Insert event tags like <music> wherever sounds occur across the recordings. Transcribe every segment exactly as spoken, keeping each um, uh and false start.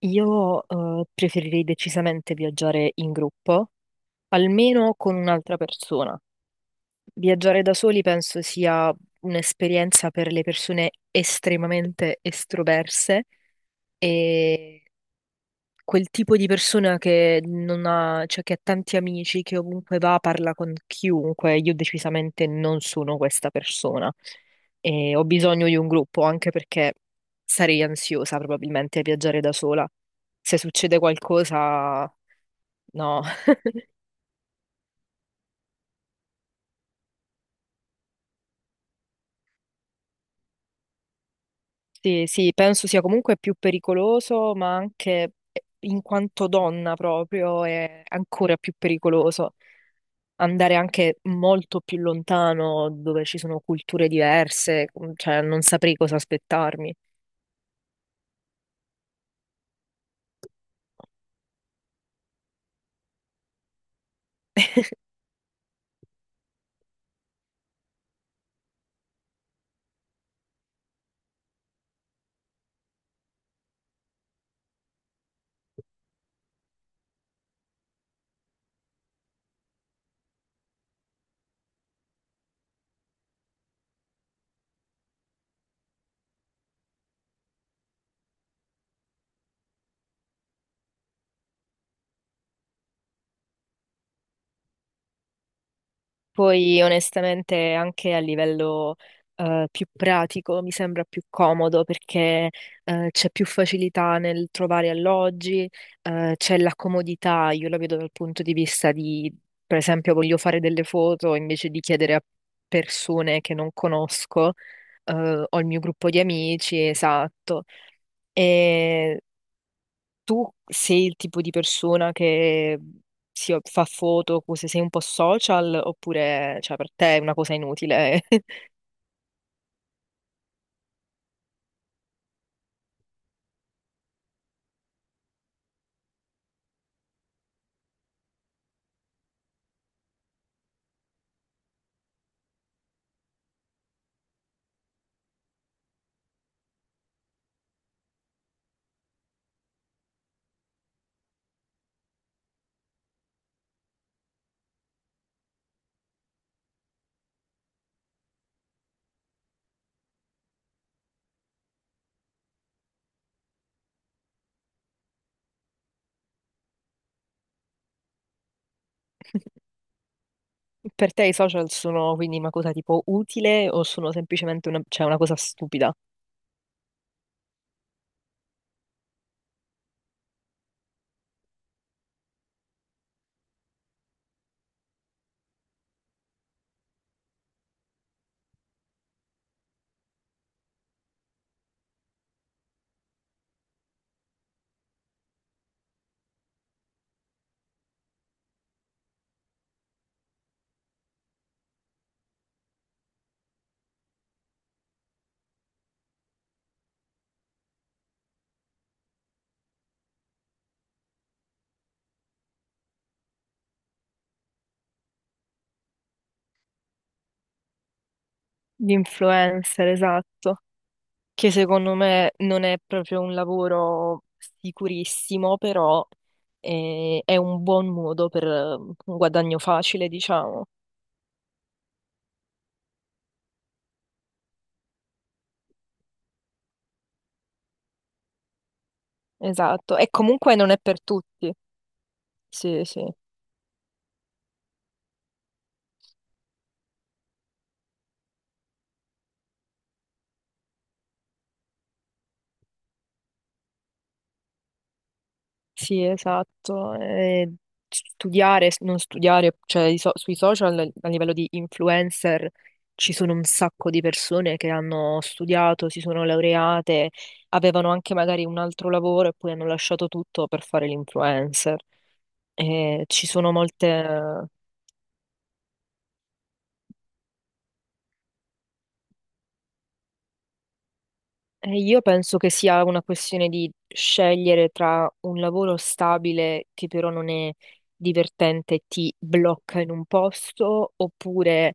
Io eh, preferirei decisamente viaggiare in gruppo, almeno con un'altra persona. Viaggiare da soli penso sia un'esperienza per le persone estremamente estroverse e quel tipo di persona che non ha, cioè che ha tanti amici, che ovunque va parla con chiunque. Io decisamente non sono questa persona e ho bisogno di un gruppo anche perché sarei ansiosa probabilmente a viaggiare da sola. Se succede qualcosa, no. <laughs> Sì, sì, penso sia comunque più pericoloso, ma anche eh, in quanto donna proprio è ancora più pericoloso. Andare anche molto più lontano dove ci sono culture diverse, com- cioè non saprei cosa aspettarmi. Poi onestamente anche a livello eh, più pratico mi sembra più comodo perché eh, c'è più facilità nel trovare alloggi, eh, c'è la comodità, io la vedo dal punto di vista di, per esempio, voglio fare delle foto invece di chiedere a persone che non conosco, eh, ho il mio gruppo di amici, esatto. Tu sei il tipo di persona che si fa foto, cose, sei un po' social, oppure cioè, per te è una cosa inutile? <laughs> Per te i social sono quindi una cosa tipo utile o sono semplicemente una, cioè, una cosa stupida? Gli influencer, esatto. Che secondo me non è proprio un lavoro sicurissimo, però eh, è un buon modo per eh, un guadagno facile, diciamo. Esatto. E comunque non è per tutti. Sì, sì. Sì, esatto. E studiare, s- non studiare, cioè i so- sui social a livello di influencer ci sono un sacco di persone che hanno studiato, si sono laureate, avevano anche magari un altro lavoro e poi hanno lasciato tutto per fare l'influencer. E ci sono molte. E io penso che sia una questione di scegliere tra un lavoro stabile che però non è divertente e ti blocca in un posto oppure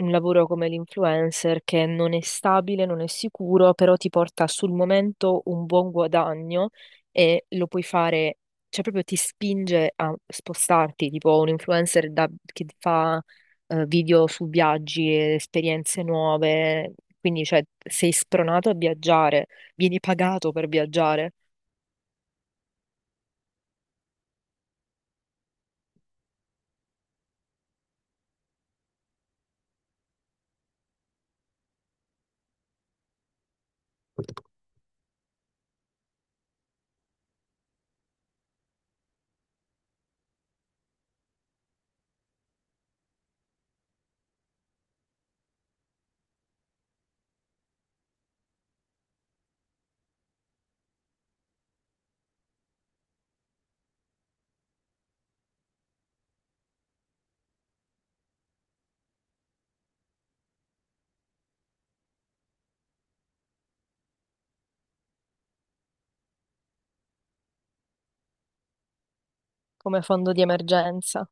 un lavoro come l'influencer che non è stabile, non è sicuro, però ti porta sul momento un buon guadagno e lo puoi fare, cioè proprio ti spinge a spostarti, tipo un influencer da- che fa eh, video su viaggi, e esperienze nuove, quindi cioè, sei spronato a viaggiare, vieni pagato per viaggiare come fondo di emergenza.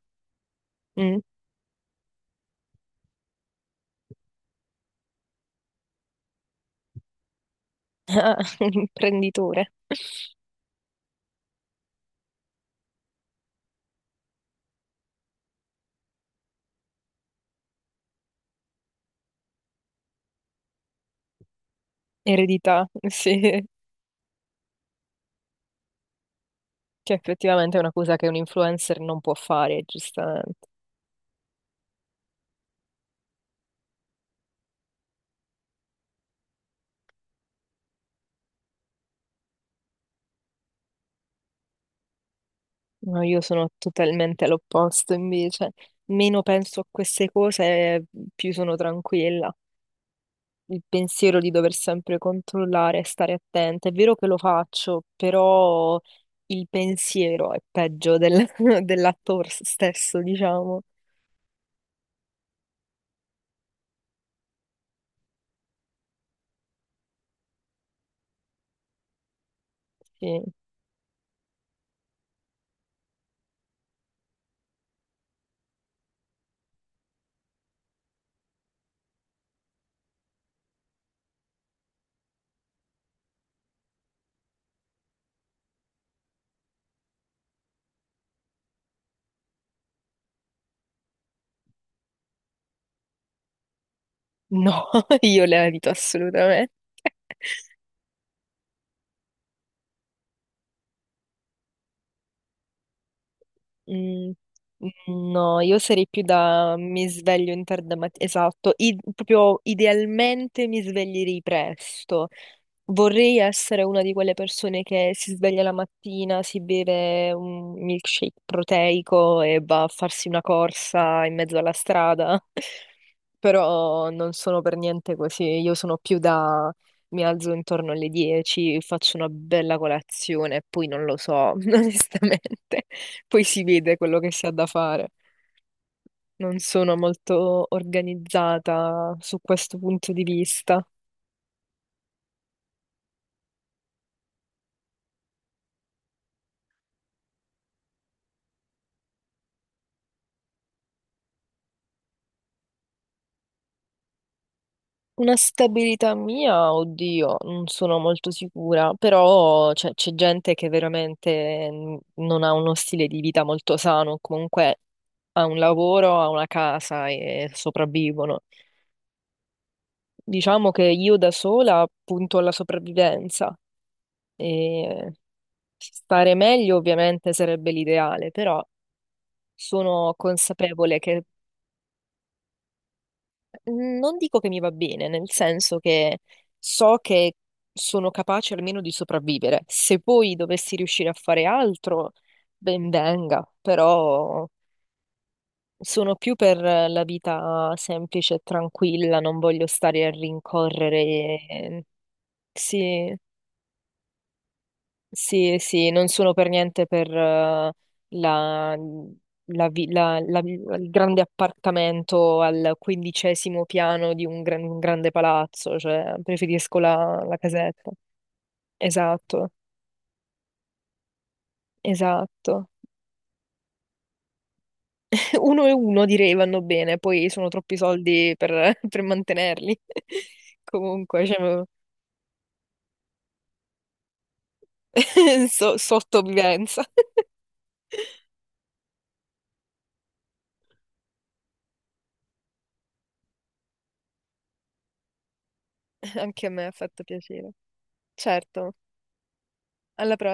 Mm, <laughs> un imprenditore, eredità, sì. Che effettivamente è una cosa che un influencer non può fare, giustamente. No, io sono totalmente all'opposto invece. Meno penso a queste cose, più sono tranquilla. Il pensiero di dover sempre controllare e stare attenta. È vero che lo faccio, però il pensiero è peggio del- <laughs> dell'atto stesso, diciamo. Sì. No, <laughs> io le evito assolutamente. Mm, no, io sarei più da mi sveglio in tarda mattina, esatto, i- proprio idealmente mi sveglierei presto. Vorrei essere una di quelle persone che si sveglia la mattina, si beve un milkshake proteico e va a farsi una corsa in mezzo alla strada, <laughs> però non sono per niente così. Io sono più da mi alzo intorno alle dieci, faccio una bella colazione, poi non lo so, <laughs> onestamente. Poi si vede quello che si ha da fare. Non sono molto organizzata su questo punto di vista. Una stabilità mia, oddio, non sono molto sicura, però c'è c'è gente che veramente n- non ha uno stile di vita molto sano, comunque ha un lavoro, ha una casa e sopravvivono. Diciamo che io da sola punto alla sopravvivenza e stare meglio ovviamente sarebbe l'ideale, però sono consapevole che. Mhmm, non dico che mi va bene, nel senso che so che sono capace almeno di sopravvivere. Se poi dovessi riuscire a fare altro, ben venga, però sono più per la vita semplice e tranquilla, non voglio stare a rincorrere. eh, Sì, sì, sì, non sono per niente per eh, la- la vi- la- la- il grande appartamento al quindicesimo piano di un, gran- un grande palazzo, cioè preferisco la, la casetta. Esatto, esatto. <laughs> Uno e uno direi vanno bene, poi sono troppi soldi per, <laughs> per mantenerli. <laughs> Comunque, cioè, <laughs> so- sottovivenza. <laughs> Anche a me ha fatto piacere. Certo, alla prossima.